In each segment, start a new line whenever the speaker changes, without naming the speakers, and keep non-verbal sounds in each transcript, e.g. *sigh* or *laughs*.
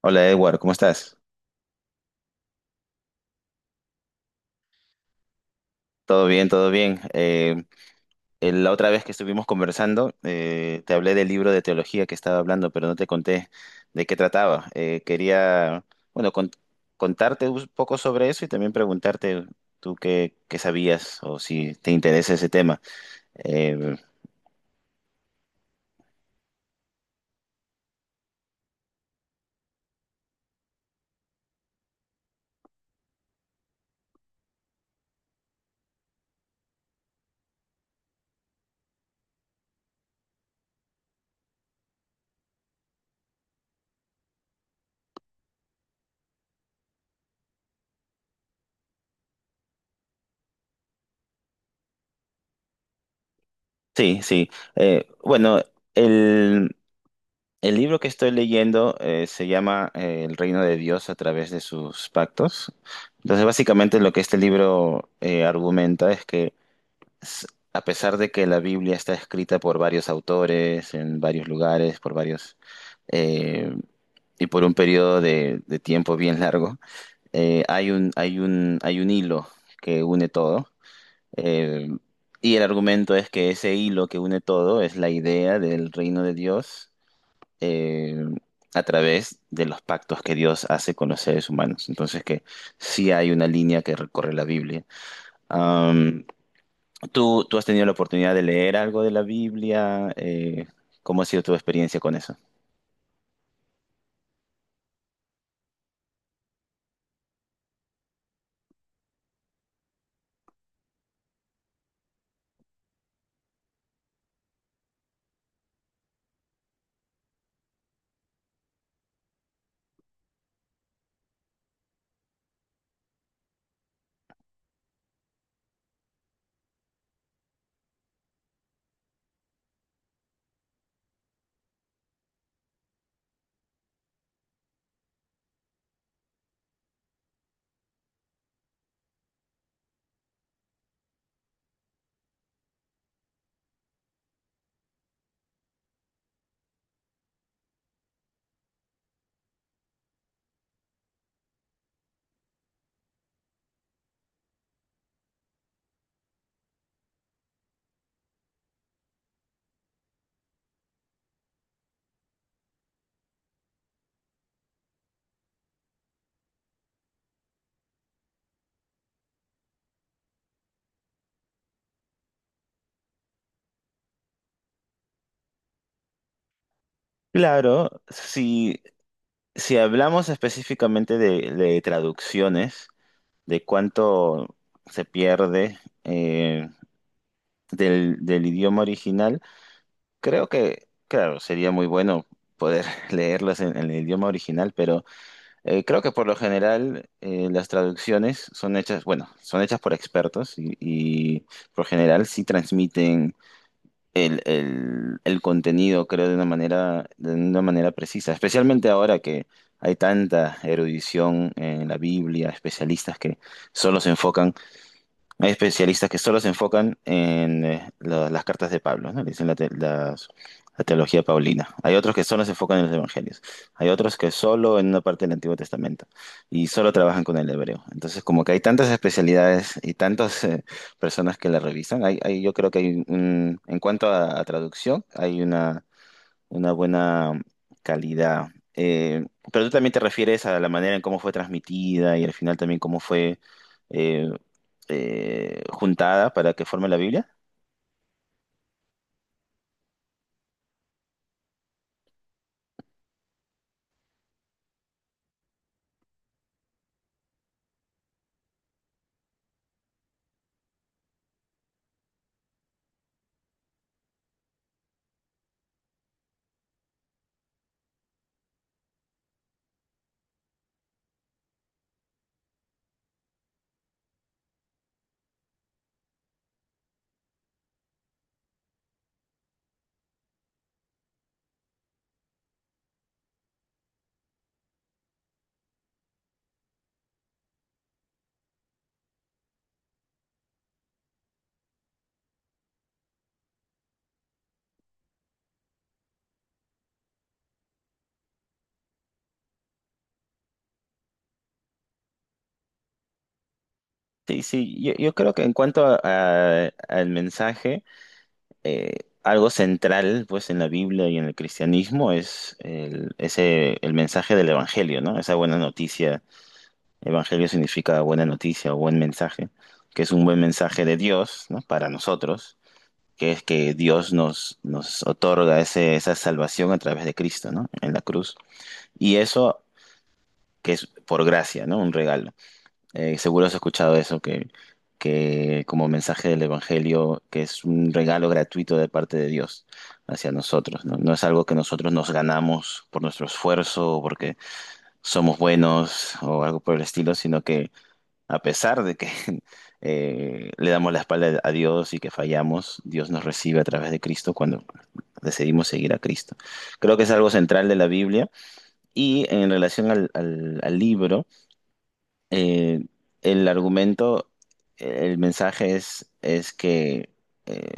Hola Edward, ¿cómo estás? Todo bien, todo bien. La otra vez que estuvimos conversando, te hablé del libro de teología que estaba hablando, pero no te conté de qué trataba. Quería, bueno, contarte un poco sobre eso y también preguntarte tú qué sabías o si te interesa ese tema. Eh, sí, sí. Bueno, el libro que estoy leyendo se llama, El reino de Dios a través de sus pactos. Entonces, básicamente lo que este libro argumenta es que s- a pesar de que la Biblia está escrita por varios autores, en varios lugares, por varios, eh, y por un periodo de tiempo bien largo, hay un hilo que une todo. eh, y el argumento es que ese hilo que une todo es la idea del reino de Dios, eh, a través de los pactos que Dios hace con los seres humanos. Entonces que sí hay una línea que recorre la Biblia. Am, ¿tú has tenido la oportunidad de leer algo de la Biblia? ¿Cómo ha sido tu experiencia con eso? Claro, si, si hablamos específicamente de traducciones, de cuánto se pierde, eh, del, del idioma original, creo que, claro, sería muy bueno poder *laughs* leerlos en el idioma original, pero... Creo que por lo general las traducciones son hechas, bueno, son hechas por expertos y por general sí transmiten el contenido, creo, de una manera precisa. Especialmente ahora que hay tanta erudición en la Biblia, especialistas que solo se enfocan, hay especialistas que solo se enfocan en las cartas de Pablo, ¿no? Le dicen la, la teología paulina. Hay otros que solo se enfocan en los evangelios. Hay otros que solo en una parte del Antiguo Testamento y solo trabajan con el hebreo. Entonces, como que hay tantas especialidades y tantas, personas que la revisan, yo creo que en cuanto a traducción, hay una buena calidad. Eh, pero tú también te refieres a la manera en cómo fue transmitida y al final también cómo fue eh, juntada para que forme la Biblia. Sí, sí, yo creo que en cuanto al mensaje, eh, algo central pues en la Biblia y en el cristianismo es el, ese, el mensaje del Evangelio, ¿no? Esa buena noticia. Evangelio significa buena noticia o buen mensaje, que es un buen mensaje de Dios, ¿no? Para nosotros, que es que Dios nos otorga ese, esa salvación a través de Cristo, ¿no? En la cruz. Y eso que es por gracia, ¿no? Un regalo. Seguro has escuchado eso, que como mensaje del Evangelio, que es un regalo gratuito de parte de Dios hacia nosotros, ¿no? No es algo que nosotros nos ganamos por nuestro esfuerzo o porque somos buenos o algo por el estilo, sino que a pesar de que *laughs* le damos la espalda a Dios y que fallamos, Dios nos recibe a través de Cristo cuando decidimos seguir a Cristo. Creo que es algo central de la Biblia y en relación al libro, eh, el argumento, el mensaje es que eh,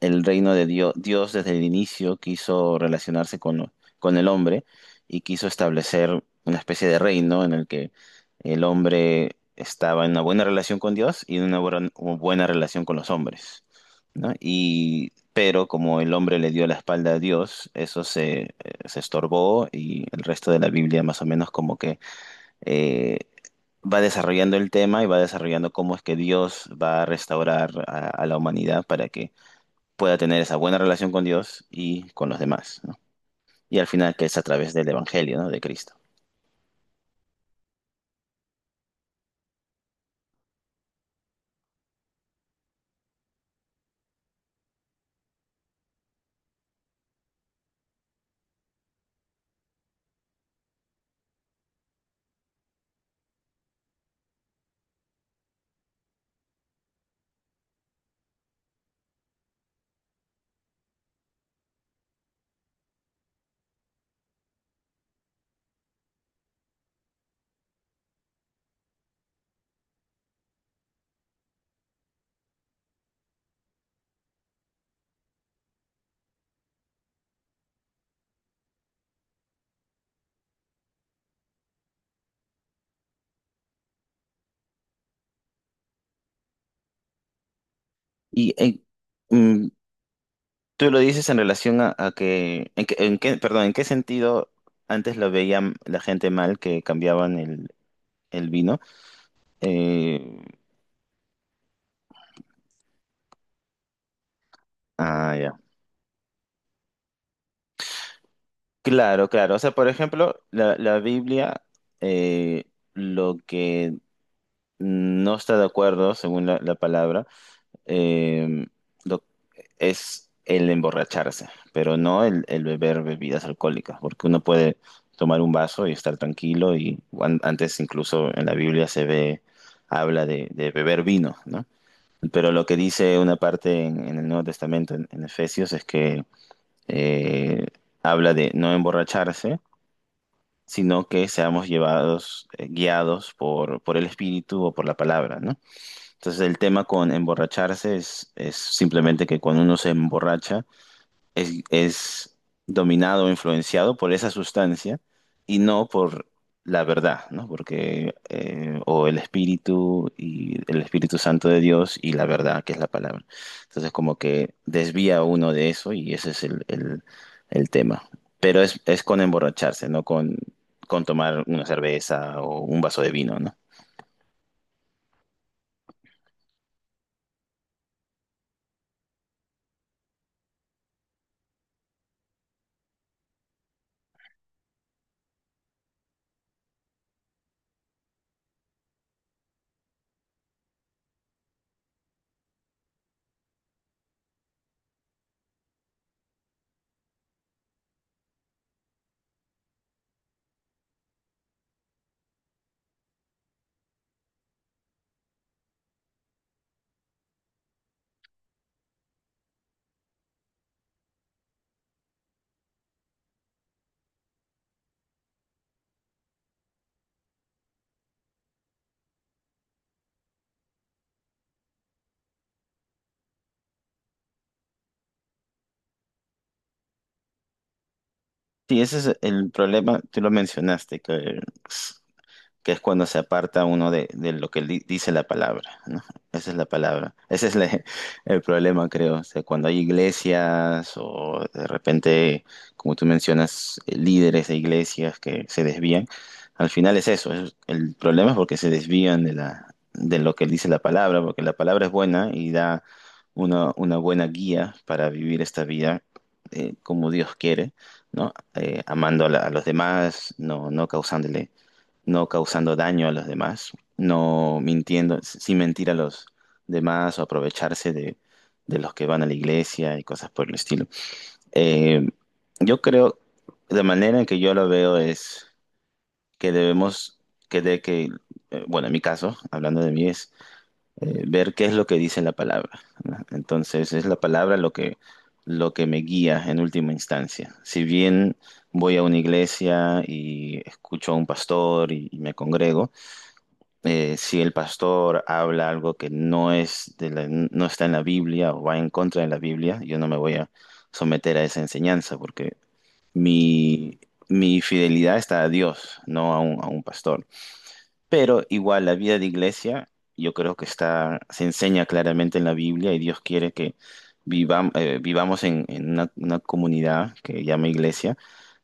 el reino de Dios, Dios desde el inicio quiso relacionarse con, con el hombre y quiso establecer una especie de reino en el que el hombre estaba en una buena relación con Dios y en una buena relación con los hombres, ¿no? Y, pero como el hombre le dio la espalda a Dios, eso se, se estorbó y el resto de la Biblia más o menos como que eh, va desarrollando el tema y va desarrollando cómo es que Dios va a restaurar a la humanidad para que pueda tener esa buena relación con Dios y con los demás, ¿no? Y al final que es a través del Evangelio, ¿no? De Cristo. Y mm, tú lo dices en relación a que, en en qué, perdón, ¿en qué sentido antes lo veían la gente mal que cambiaban el vino? Eh, ah, ya. Claro, claro. O sea, por ejemplo, la, la Biblia, eh, lo que no está de acuerdo, según la, la palabra, eh, lo- es el emborracharse, pero no el, el beber bebidas alcohólicas, porque uno puede tomar un vaso y estar tranquilo, y antes incluso en la Biblia se ve, habla de beber vino, ¿no? Pero lo que dice una parte en el Nuevo Testamento, en Efesios, es que eh, habla de no emborracharse, sino que seamos llevados, guiados por el Espíritu o por la palabra, ¿no? Entonces el tema con emborracharse es simplemente que cuando uno se emborracha es dominado o influenciado por esa sustancia y no por la verdad, ¿no? Porque o el Espíritu y el Espíritu Santo de Dios y la verdad, que es la palabra. Entonces como que desvía a uno de eso y ese es el, el tema. Pero es con emborracharse, no con, con tomar una cerveza o un vaso de vino, ¿no? Sí, ese es el problema, tú lo mencionaste, que s- que es cuando se aparta uno de lo que dice la palabra, ¿no? Esa es la palabra. Ese es *laughs* el problema, creo. O sea, cuando hay iglesias o de repente, como tú mencionas, líderes de iglesias que se desvían, al final es eso. El problema es porque se desvían de la, de lo que dice la palabra, porque la palabra es buena y da una buena guía para vivir esta vida, como Dios quiere, ¿no? Amando a, a los demás, no causándole no causando daño a los demás, no mintiendo, sin mentir a los demás o aprovecharse de los que van a la iglesia y cosas por el estilo. Eh, yo creo, la manera en que yo lo veo es que debemos, que de que, bueno, en mi caso, hablando de mí, es ver qué es lo que dice la palabra. ¿No? Entonces, es la palabra lo que me guía en última instancia. Si bien voy a una iglesia y escucho a un pastor y me congrego, si el pastor habla algo que no es de no está en la Biblia o va en contra de la Biblia, yo no me voy a someter a esa enseñanza porque mi, mi fidelidad está a Dios, no a un, a un pastor. Pero igual la vida de iglesia yo creo que está, se enseña claramente en la Biblia y Dios quiere que vivamos en una comunidad que llama iglesia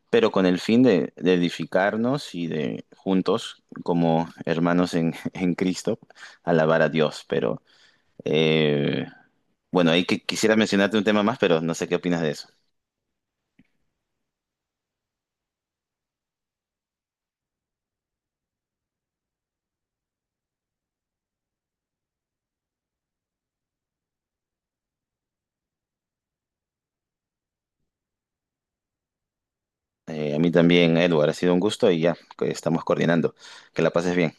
pero con el fin de edificarnos y de juntos, como hermanos en, *laughs* en Cristo, alabar a Dios. Pero eh, bueno, ahí que, quisiera mencionarte un tema más, pero no sé qué opinas de eso. A mí también, Edward, ha sido un gusto y ya que estamos coordinando. Que la pases bien.